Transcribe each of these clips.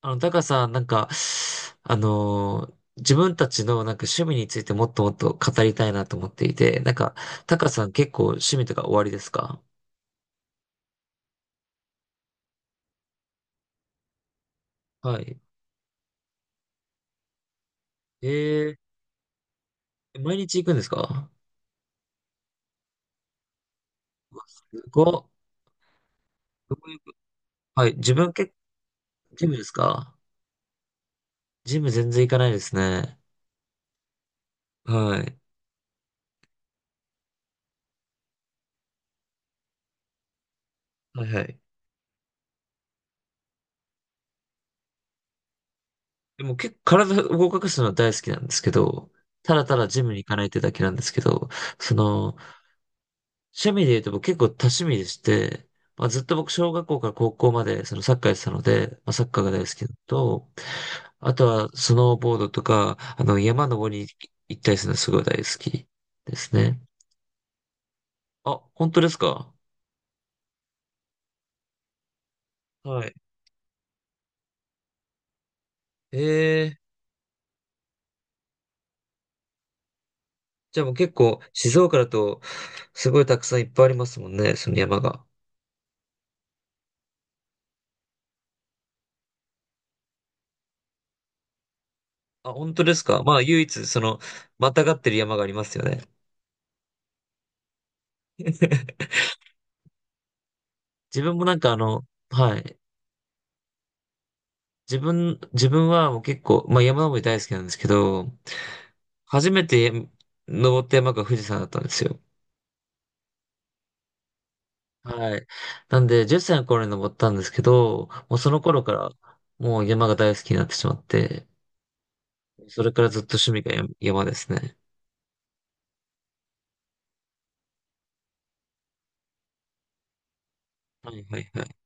タカさん、自分たちの趣味についてもっと語りたいなと思っていて、タカさん結構趣味とか終わりですか？はい。え毎日行くんですか？うわすごっ。はい。自分結構、ジムですか？ジム全然行かないですね。はい。はいはい。でも結構体を動かすのは大好きなんですけど、ただジムに行かないってだけなんですけど、その、趣味で言うと僕結構多趣味でして、まあ、ずっと僕小学校から高校までそのサッカーやってたので、まあ、サッカーが大好きなのと、あとはスノーボードとか、あの山登りに行ったりするのすごい大好きですね。あ、本当ですか？はい。ええ、じゃあもう結構静岡だとすごいたくさんいっぱいありますもんね、その山が。あ、本当ですか？まあ唯一そのまたがってる山がありますよね。自分もはい。自分はもう結構、まあ山登り大好きなんですけど、初めて登った山が富士山だったんですよ。はい。なんで、10歳の頃に登ったんですけど、もうその頃から、もう山が大好きになってしまって、それからずっと趣味が山ですね。はいはいはい。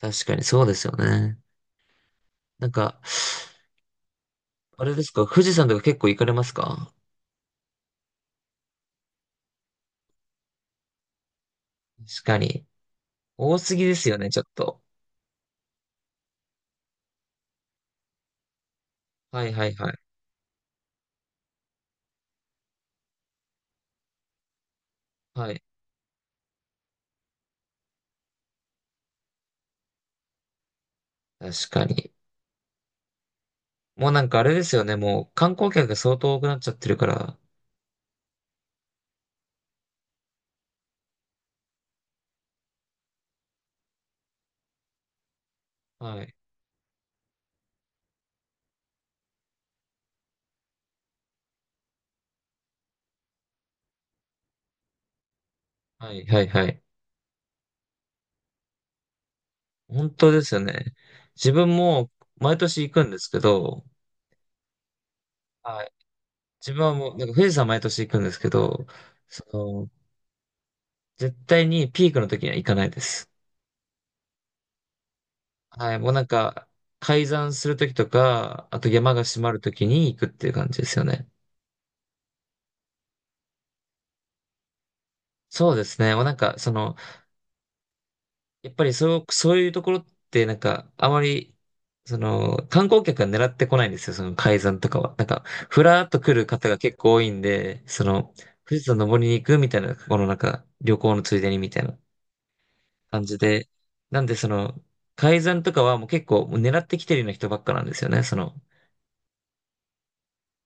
確かにそうですよね。なんか、あれですか、富士山とか結構行かれますか？確かに。多すぎですよね、ちょっと。はいはいはい。はい。確かに。もうなんかあれですよね。もう観光客が相当多くなっちゃってるから。はい。はい、はい、はい。本当ですよね。自分も毎年行くんですけど、はい。自分はもう、なんか富士山毎年行くんですけど、その、絶対にピークの時には行かないです。はい。もうなんか、開山する時とか、あと山が閉まる時に行くっていう感じですよね。そうですね。もうなんか、その、やっぱりそう、そういうところってあまり観光客が狙ってこないんですよ、その海山とかは。ふらーっと来る方が結構多いんで、富士山登りに行くみたいな、このなんか、旅行のついでにみたいな感じで。なんでその、海山とかはもう結構狙ってきてるような人ばっかなんですよね、その。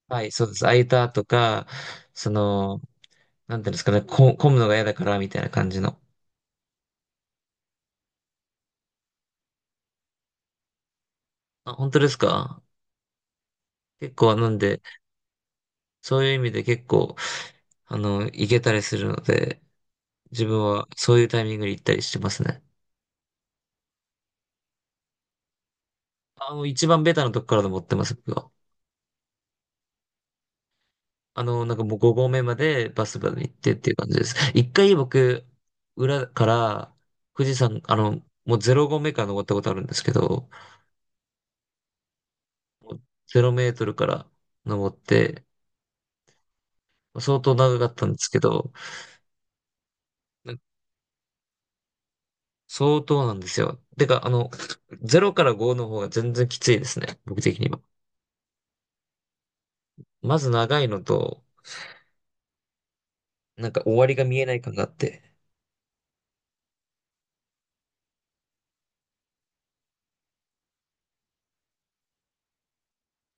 はい、そうです。空いたとか、その、なんていうんですかね、こ混むのが嫌だからみたいな感じの。あ、本当ですか？結構なんで、そういう意味で結構、あの、行けたりするので、自分はそういうタイミングに行ったりしてますね。あの、一番ベタなとこからで持ってます、僕は。あの、なんかもう5合目までバスまで行ってっていう感じです。一回僕、裏から富士山、あの、もう0合目から登ったことあるんですけど、もう0メートルから登って、相当長かったんですけど、なんか相当なんですよ。てか、あの、0から5の方が全然きついですね、僕的には。まず長いのと、なんか終わりが見えない感があって。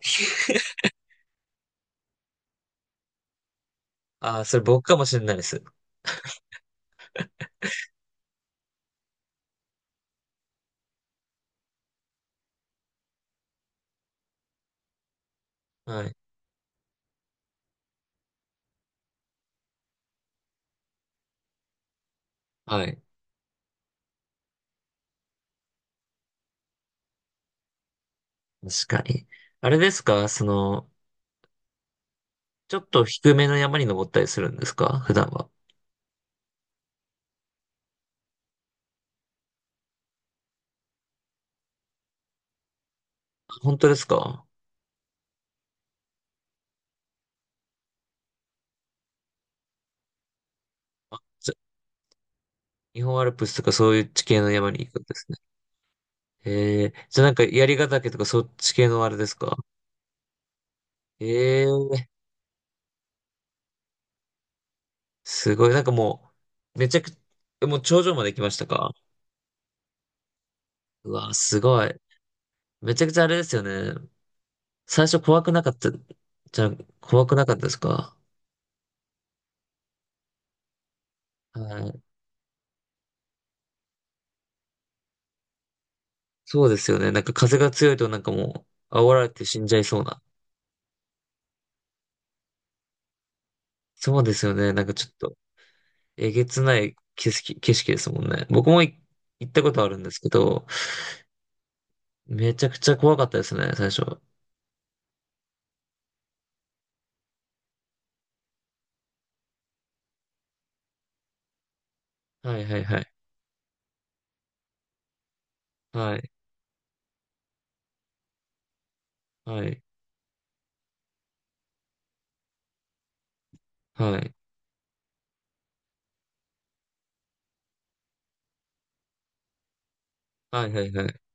ああ、それ僕かもしれないです。はい。はい。確かに。あれですかその、ちょっと低めの山に登ったりするんですか普段は？本当ですか？じゃ日本アルプスとかそういう地形の山に行くんですね。ええ、じゃあなんか槍ヶ岳とかそっち系のあれですか？ええ、すごい。なんかもう、めちゃく、もう頂上まで来ましたか？うわ、すごい。めちゃくちゃあれですよね。最初怖くなかった、じゃあ怖くなかったですか？はい。そうですよね。なんか風が強いとなんかもう煽られて死んじゃいそうな。そうですよね。なんかちょっとえげつない景色ですもんね。僕も行ったことあるんですけど、めちゃくちゃ怖かったですね、最初。はいはいはい。はい、はい、はい。はいはいはい。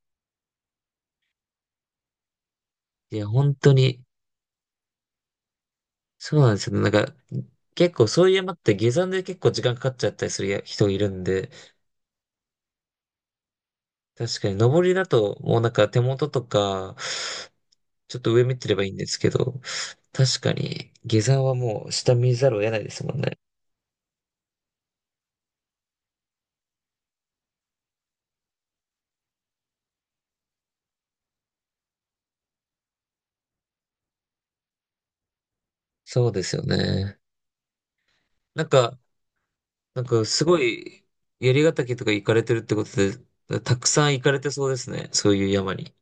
いや、本当に、そうなんですよね。なんか、結構そういう山って下山で結構時間かかっちゃったりする人いるんで、確かに、登りだと、もうなんか手元とか、ちょっと上見てればいいんですけど、確かに、下山はもう下見ざるを得ないですもんね。そうですよね。なんか、なんかすごい、槍ヶ岳とか行かれてるってことで、たくさん行かれてそうですね。そういう山に。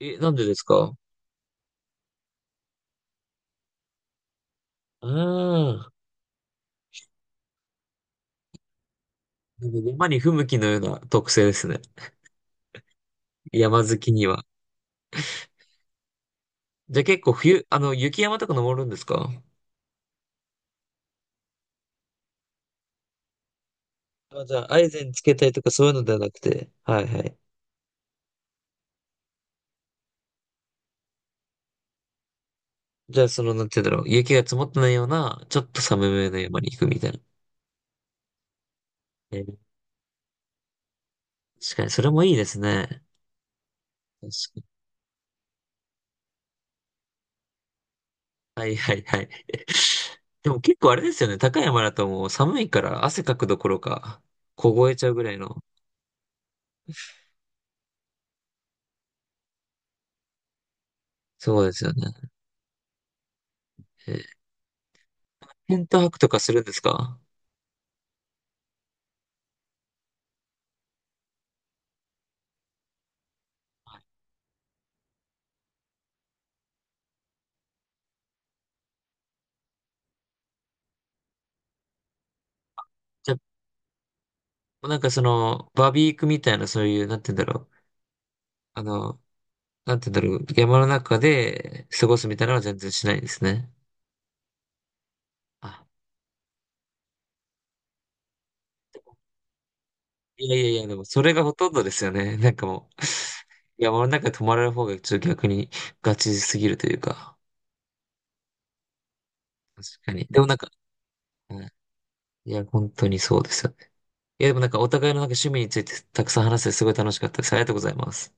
え、なんでですか？ああー、なんか山に不向きのような特性ですね。山好きには。じゃあ結構冬、あの、雪山とか登るんですか？あ、じゃあ、アイゼンつけたりとかそういうのではなくて。はいはい。じゃあ、その、なんて言うんだろう。雪が積もってないような、ちょっと寒めの山に行くみたいな。えー、確かに、それもいいですね。確かに。はいはいはい。でも結構あれですよね。高い山だともう寒いから汗かくどころか、凍えちゃうぐらいの。そうですよね。えー、テント泊とかするんですか？はい、じゃあ、なんかその、バーベキュークみたいな、そういう、なんて言うんだろう。あの、なんて言うんだろう。山の中で過ごすみたいなのは全然しないんですね。あ、いやいやいや、でもそれがほとんどですよね。なんかもう、山の中に泊まれる方がちょっと逆にガチすぎるというか。確かに。でもなんか、うん、いや、本当にそうですよね。いや、でもなんかお互いのなんか趣味についてたくさん話してすごい楽しかったです。ありがとうございます。